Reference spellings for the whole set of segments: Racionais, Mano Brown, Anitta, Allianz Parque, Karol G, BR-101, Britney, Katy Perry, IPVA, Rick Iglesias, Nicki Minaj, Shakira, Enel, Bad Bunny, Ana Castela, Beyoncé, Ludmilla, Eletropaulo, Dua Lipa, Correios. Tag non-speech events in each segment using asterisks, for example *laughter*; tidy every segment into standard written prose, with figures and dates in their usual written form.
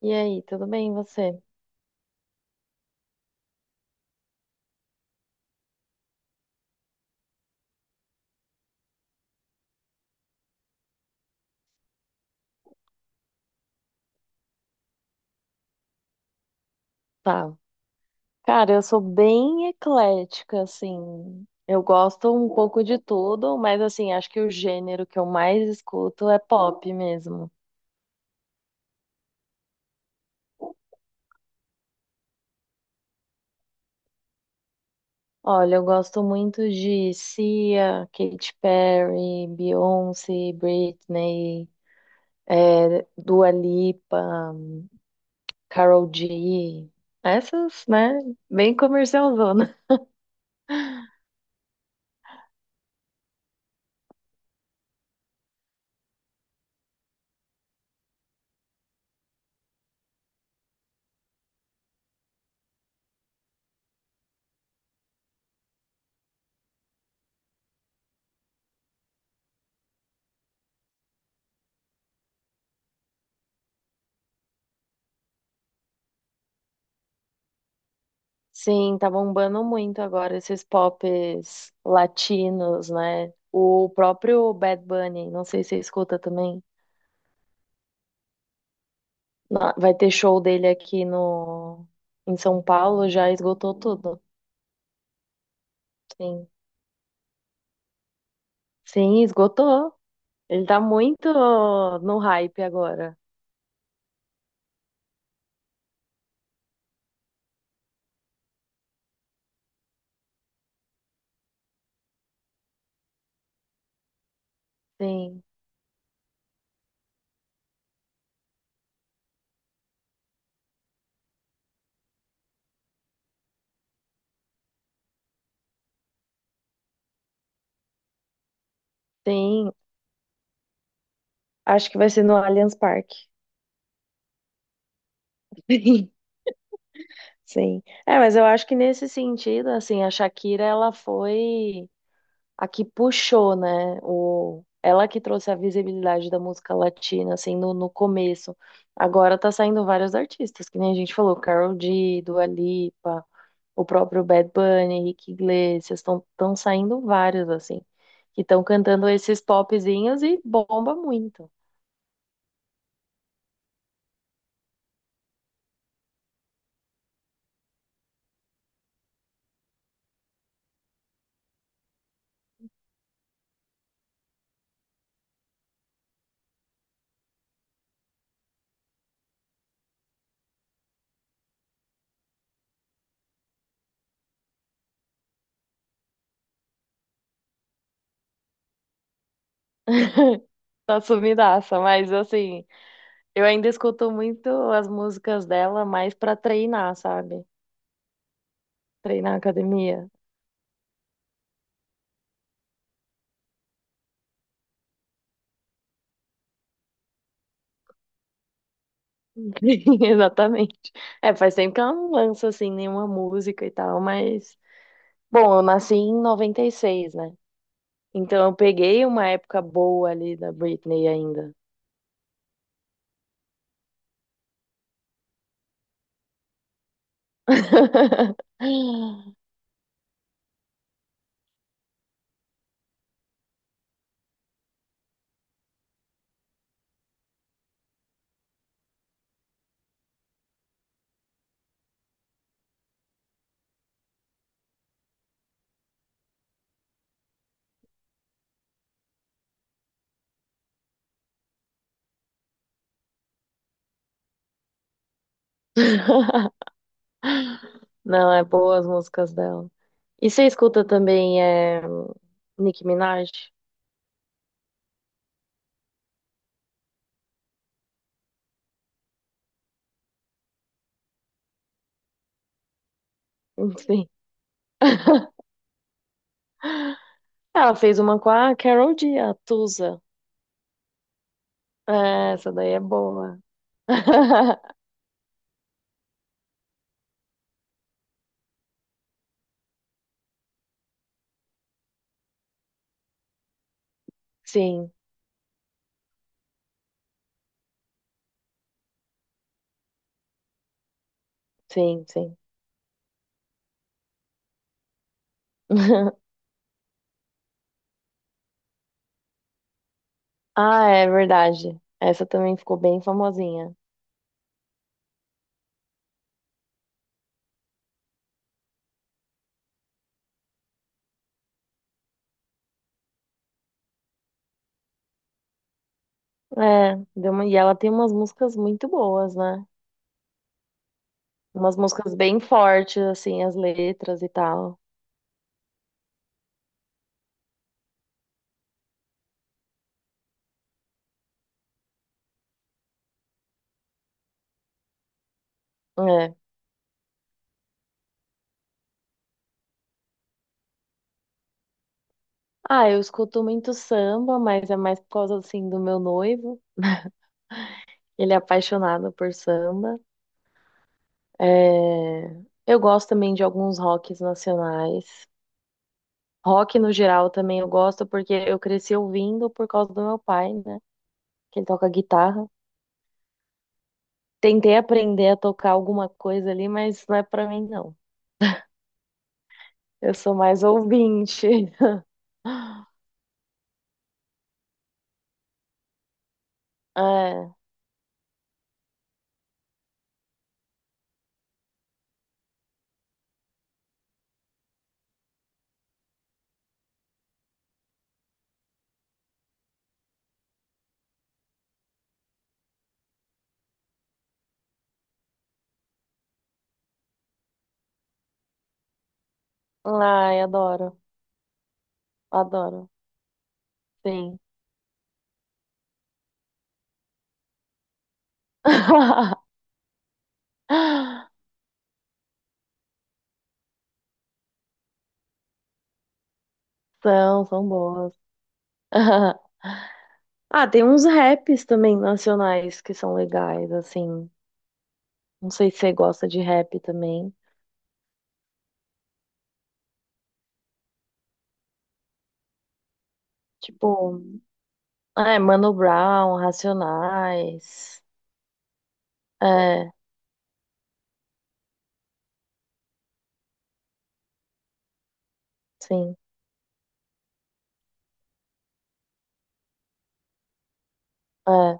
E aí, tudo bem, e você? Tá. Cara, eu sou bem eclética, assim. Eu gosto um pouco de tudo, mas assim, acho que o gênero que eu mais escuto é pop mesmo. Olha, eu gosto muito de Cia, Katy Perry, Beyoncé, Britney, Dua Lipa, Karol G. Essas, né? Bem comercialzona. Sim, tá bombando muito agora esses pops latinos, né? O próprio Bad Bunny, não sei se você escuta também. Vai ter show dele aqui no em São Paulo, já esgotou tudo. Sim. Sim, esgotou. Ele tá muito no hype agora. Sim. Sim, acho que vai ser no Allianz Parque. *laughs* Sim. É, mas eu acho que nesse sentido, assim, a Shakira, ela foi a que puxou, né? O, ela que trouxe a visibilidade da música latina, assim, no começo. Agora tá saindo vários artistas, que nem a gente falou, Karol G, Dua Lipa, o próprio Bad Bunny, Rick Iglesias, estão tão saindo vários, assim, que estão cantando esses popzinhos e bomba muito. Tá sumidaça, mas assim, eu ainda escuto muito as músicas dela mais pra treinar, sabe? Treinar academia. *laughs* Exatamente. É, faz tempo que ela não lança assim nenhuma música e tal, mas bom, eu nasci em noventa e seis, né? Então eu peguei uma época boa ali da Britney ainda. *laughs* Não, é boa as músicas dela. E você escuta também Nicki Minaj? Sim. *laughs* Ela fez uma com a Carol G, a Tusa. É, essa daí é boa. *laughs* Sim, sim, sim. *laughs* Ah, é verdade. Essa também ficou bem famosinha. É, deu uma... e ela tem umas músicas muito boas, né? Umas músicas bem fortes, assim, as letras e tal. É. Ah, eu escuto muito samba, mas é mais por causa, assim, do meu noivo. Ele é apaixonado por samba. É... Eu gosto também de alguns rocks nacionais. Rock no geral também eu gosto, porque eu cresci ouvindo por causa do meu pai, né? Que ele toca guitarra. Tentei aprender a tocar alguma coisa ali, mas não é pra mim, não. Eu sou mais ouvinte. *laughs* É. Ai, adoro. Adoro. Sim. *laughs* São, são boas. *laughs* Ah, tem uns raps também nacionais que são legais, assim. Não sei se você gosta de rap também. Tipo, Mano Brown, Racionais. É, sim. É.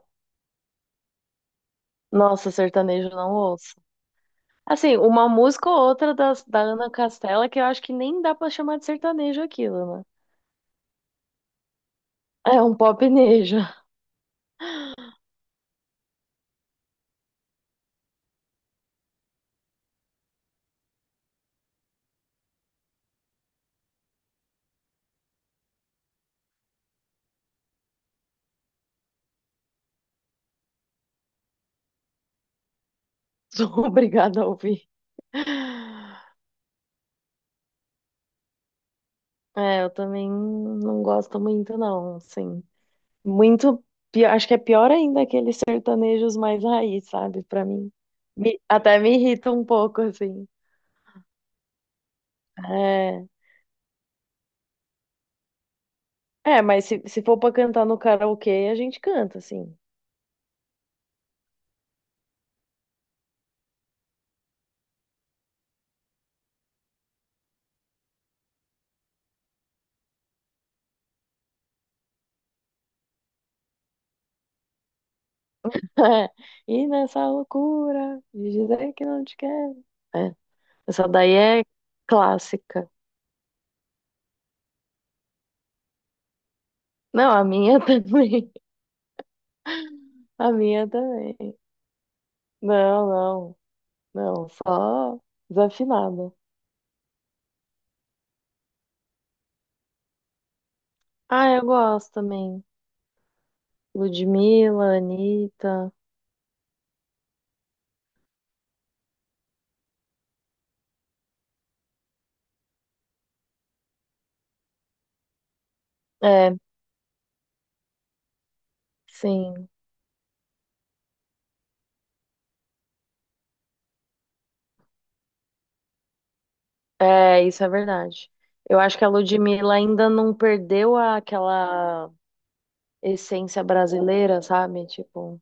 Nossa, sertanejo não ouço. Assim, uma música ou outra da Ana Castela que eu acho que nem dá pra chamar de sertanejo aquilo, né? É um popnejo. *laughs* Sou obrigada a ouvir. É, eu também não gosto muito, não, assim. Muito, acho que é pior ainda aqueles sertanejos mais raiz, sabe? Pra mim. Até me irrita um pouco, assim. É, é, mas se for pra cantar no karaokê, a gente canta, assim. *laughs* E nessa loucura de dizer que não te quero. É. Essa daí é clássica. Não, a minha *laughs* também. A minha também. Não, não. Não, só desafinada. Ah, eu gosto também. Ludmilla, Anitta. É, sim. É, isso é verdade. Eu acho que a Ludmilla ainda não perdeu aquela essência brasileira, sabe? Tipo,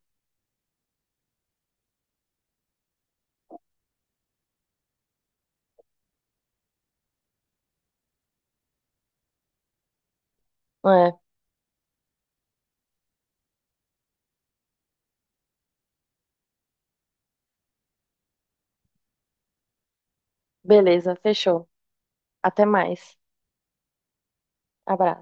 é, beleza, fechou. Até mais. Abraço.